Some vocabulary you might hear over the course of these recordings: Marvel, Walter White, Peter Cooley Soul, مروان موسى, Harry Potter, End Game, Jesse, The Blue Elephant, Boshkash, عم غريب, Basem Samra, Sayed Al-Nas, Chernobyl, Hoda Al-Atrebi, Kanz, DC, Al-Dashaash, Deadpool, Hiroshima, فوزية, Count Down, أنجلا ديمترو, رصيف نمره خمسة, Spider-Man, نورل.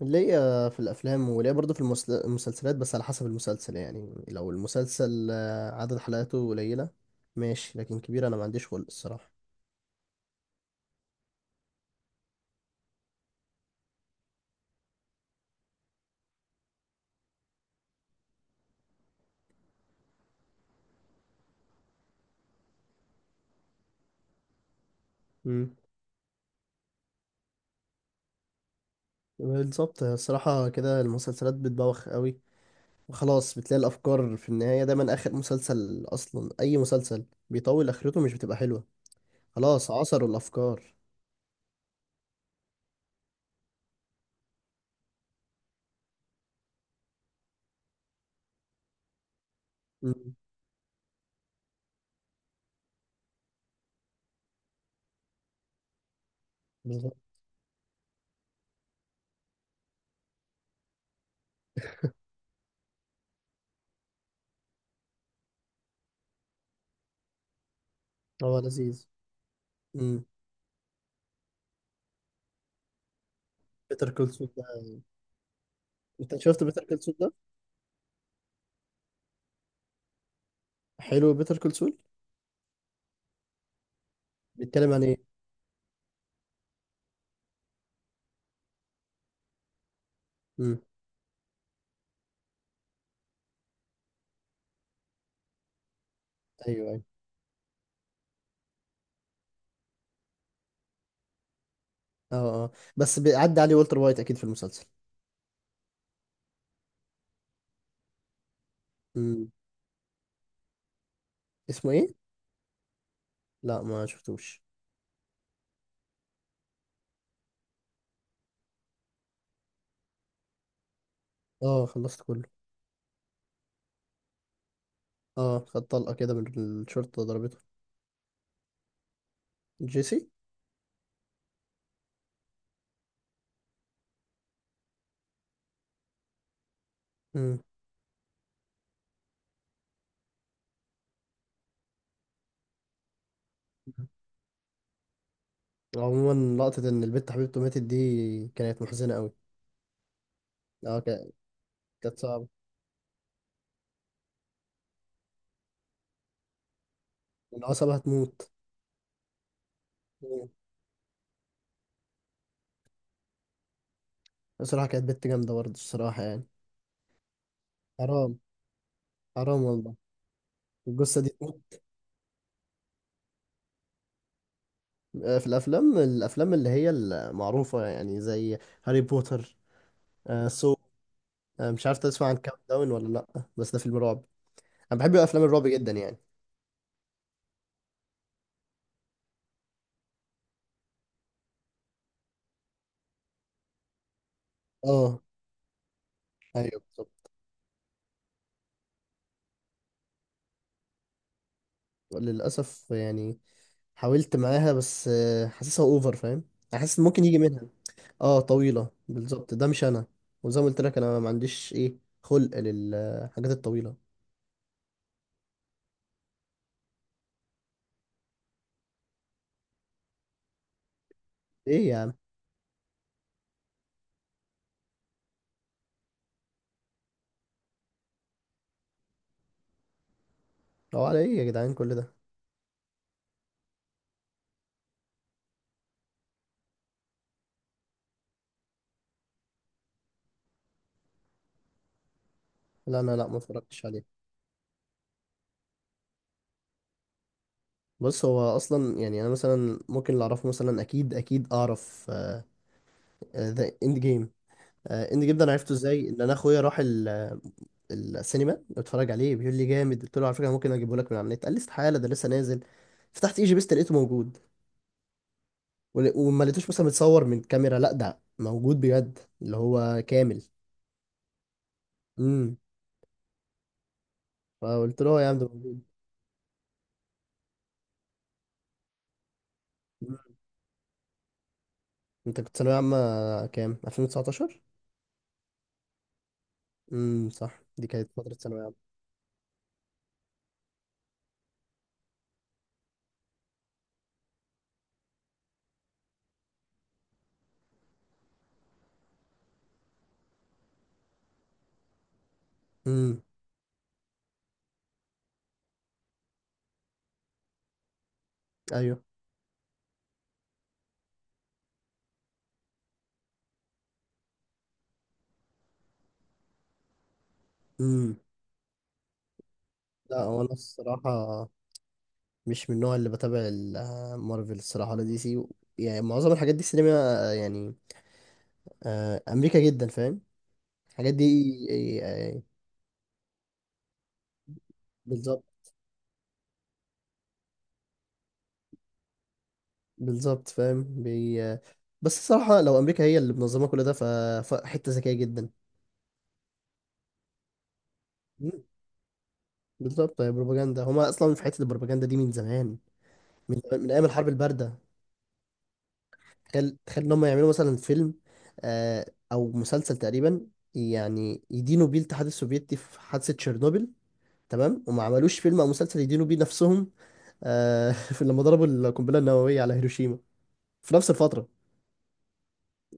ليا في الافلام وليا برضه في المسلسلات، بس على حسب المسلسل. يعني لو المسلسل عدد حلقاته قليله ماشي، لكن كبير انا ما عنديش خلق الصراحه. امم. بالظبط، الصراحه كده المسلسلات بتبوخ قوي وخلاص، بتلاقي الافكار في النهايه دايما. اخر مسلسل اصلا، اي مسلسل بيطول اخرته مش بتبقى حلوه. خلاص، عصروا الافكار. امم، بالظبط. هو لذيذ. امم. بيتر كول سول ده، انت شفت بيتر كول سول ده؟ حلو بيتر كول سول. بيتكلم عن ايه؟ امم. ايوه، أيوه. اه. اه. بس بيعدي عليه والتر وايت اكيد في المسلسل. امم. اسمه ايه؟ لا، ما شفتوش. اه، خلصت كله. اه، خد طلقه كده من الشرطه، ضربته. جيسي. امم. عموما لقطه ان البت حبيبته ماتت دي كانت محزنه قوي. اه كا- كانت صعبه، العصبه هتموت. مم. بصراحه كانت بنت جامده برضه الصراحه يعني. حرام، حرام والله. الجثه دي تموت. في الافلام، الافلام اللي هي المعروفه يعني زي هاري بوتر. آه، سو أنا مش عارف تسمع عن كاونت داون ولا لأ، بس ده فيلم رعب. أنا بحب أفلام الرعب جدا يعني. اه، أيوه بالظبط. للأسف يعني، حاولت معاها بس حاسسها أوفر فاهم. أنا حاسس إن ممكن يجي منها. اه طويلة، بالظبط ده مش أنا. وزي ما قلت لك أنا ما عنديش إيه، خلق للحاجات الطويلة. إيه يا عم. هو على إيه يا جدعان كل ده؟ لا أنا لأ، ما اتفرجتش عليه. بص هو أصلا يعني، أنا مثلا ممكن اللي أعرفه مثلا أكيد أكيد أعرف ذا إند جيم. اند جيم ده انا عرفته ازاي؟ ان انا اخويا راح السينما بتفرج عليه، بيقول لي جامد. قلت له على فكره ممكن اجيبه لك من على النت. قال لي استحاله، ده لسه نازل. فتحت اي جي بيست لقيته موجود. وما لقيتوش مثلا متصور من كاميرا، لا ده موجود بجد اللي هو كامل. امم. فقلت له آه يا عم ده موجود. مم. انت كنت ثانويه عامه كام؟ 2019؟ امم، صح، دي كانت فتره ثانويه عامه. امم. ايوه. امم. لا، هو انا الصراحه مش من النوع اللي بتابع مارفل الصراحه ولا دي سي. يعني معظم الحاجات دي سينما يعني امريكا جدا فاهم. الحاجات دي بالظبط، بالظبط فاهم بي... آه، بس الصراحة لو أمريكا هي اللي منظمة كل ده فحتة ذكية جدا. مم. بالظبط، هي بروباجندا، هما أصلا في حتة البروباجندا دي من زمان، من زمان، من أيام الحرب الباردة. تخيل، تخيل إن هما يعملوا مثلا فيلم آه، أو مسلسل تقريبا، يعني يدينوا بيه الاتحاد السوفيتي في حادثة تشيرنوبل، تمام، وما عملوش فيلم أو مسلسل يدينوا بيه نفسهم في لما ضربوا القنبلة النووية على هيروشيما في نفس الفترة.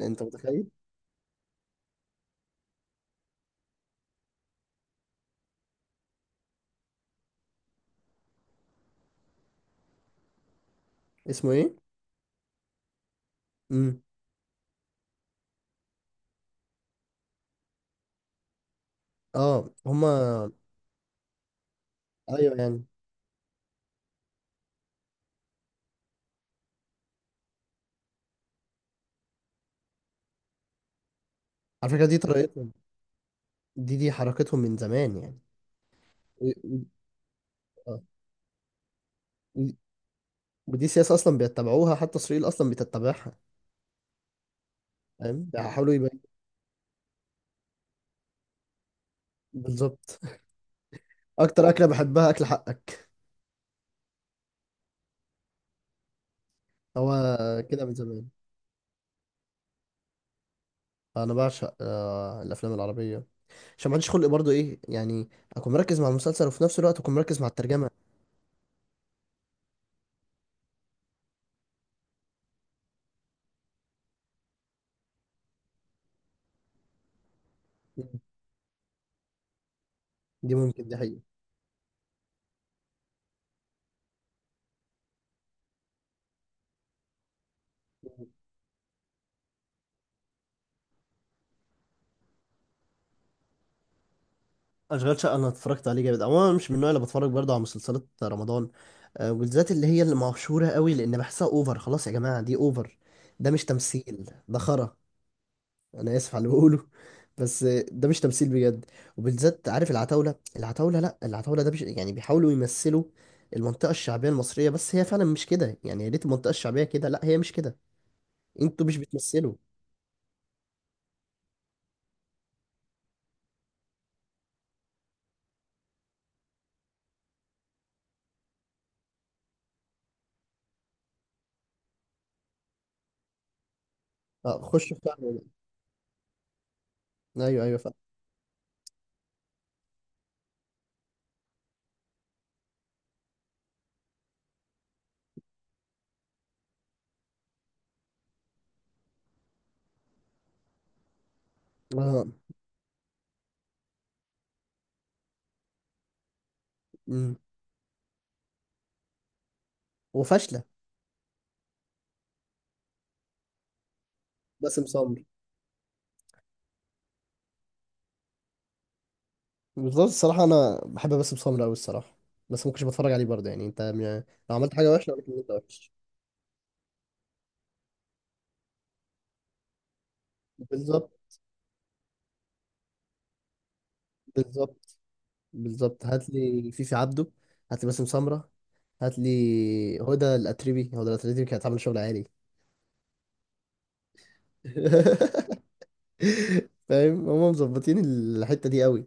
أنت متخيل؟ اسمه إيه؟ مم. اه هما. ايوه يعني. على فكره دي طريقتهم، دي حركتهم من زمان يعني. و- و- آه. و- ودي سياسه اصلا بيتبعوها، حتى اسرائيل اصلا بتتبعها. فاهم بيحاولوا يبين. بالظبط. اكتر اكله بحبها، اكل حقك. هو كده من زمان، انا بعشق آه الافلام العربيه، عشان ما عنديش خلق برضو ايه يعني، اكون مركز مع المسلسل وفي نفس الوقت اكون مركز مع الترجمه. دي ممكن دي حقيقه. اشغال شقه انا اتفرجت عليه جامد. عموما أنا مش من النوع اللي بتفرج برضه على مسلسلات رمضان، وبالذات اللي هي اللي مشهوره قوي، لان بحسها اوفر. خلاص يا جماعه دي اوفر، ده مش تمثيل، ده خرا. انا اسف على اللي بقوله، بس ده مش تمثيل بجد. وبالذات عارف العتاوله، العتاوله، لا العتاوله ده يعني بيحاولوا يمثلوا المنطقه الشعبيه المصريه، بس هي فعلا مش كده يعني. يا ريت المنطقه الشعبيه كده، لا هي مش كده. انتوا مش بتمثلوا. اه خشوا في فعلا. ايوه ايوه فعلا. آه. أمم. وفاشله. باسم سمرة. بالظبط الصراحة أنا بحب باسم سمرة أوي الصراحة، بس ممكنش بتفرج عليه برضه يعني. لو عملت حاجة وحشة أقول لك إن أنت وحش. بالظبط، بالظبط، بالظبط. هات لي فيفي عبده، هات لي باسم سمرة، هات لي هدى الأتريبي. هدى الأتريبي كانت عاملة شغل عالي. فاهم هما مظبطين الحتة دي أوي.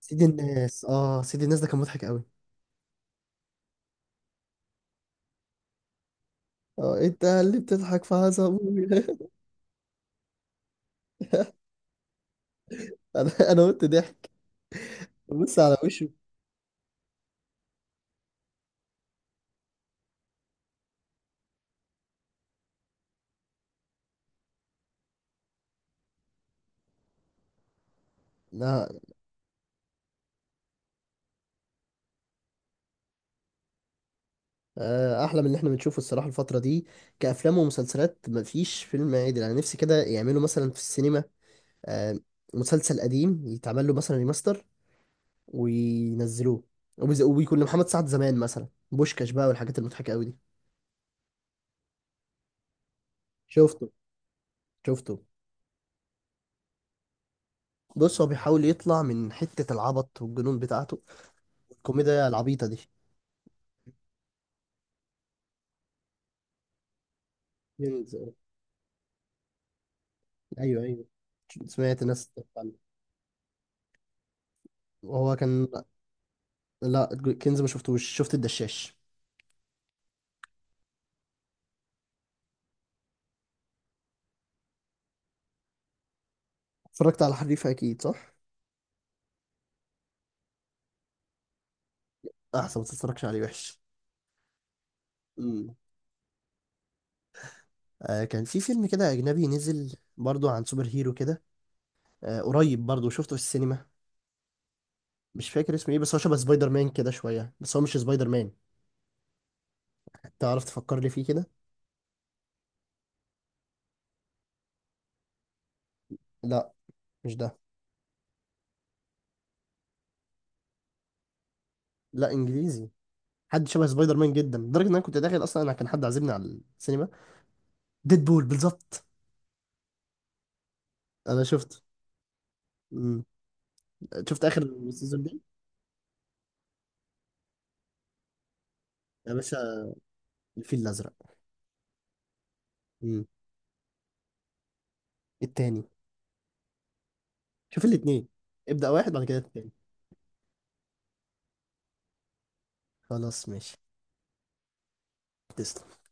سيد الناس، اه سيد الناس ده كان مضحك أوي. اه انت اللي بتضحك في عصبي. انا انا قلت ضحك. بص على وشه. لا احلى من اللي احنا بنشوفه الصراحه الفتره دي كافلام ومسلسلات، مفيش فيلم عادل. انا نفسي كده يعملوا مثلا في السينما آه، مسلسل قديم يتعمل له مثلا ريماستر وينزلوه، وبيكون لمحمد سعد زمان مثلا بوشكاش بقى والحاجات المضحكه قوي دي. شفته، شفته. بص هو بيحاول يطلع من حته العبط والجنون بتاعته، الكوميديا العبيطه دي. كنز. ايوه ايوه. سمعت ناس تتكلم. وهو كان. لا كنز ما شفتوش، شفت الدشاش. اتفرجت على حريفه اكيد صح. احسن ما تتفرجش عليه، وحش. امم. آه كان في فيلم كده اجنبي نزل برضو عن سوبر هيرو كده. آه قريب برضو شفته في السينما، مش فاكر اسمه ايه، بس هو شبه سبايدر مان كده شويه، بس هو مش سبايدر مان. تعرف تفكر لي فيه كده. لا مش ده. لا انجليزي. حد شبه سبايدر مان جدا، لدرجه ان انا كنت داخل اصلا، انا كان حد عازمني على السينما. ديدبول، بالظبط. انا شفته. امم. شفت اخر سيزون دي يا باشا؟ الفيل الازرق. امم. التاني. شوف الاتنين، ابدأ واحد بعد كده التاني. خلاص ماشي. تسلم.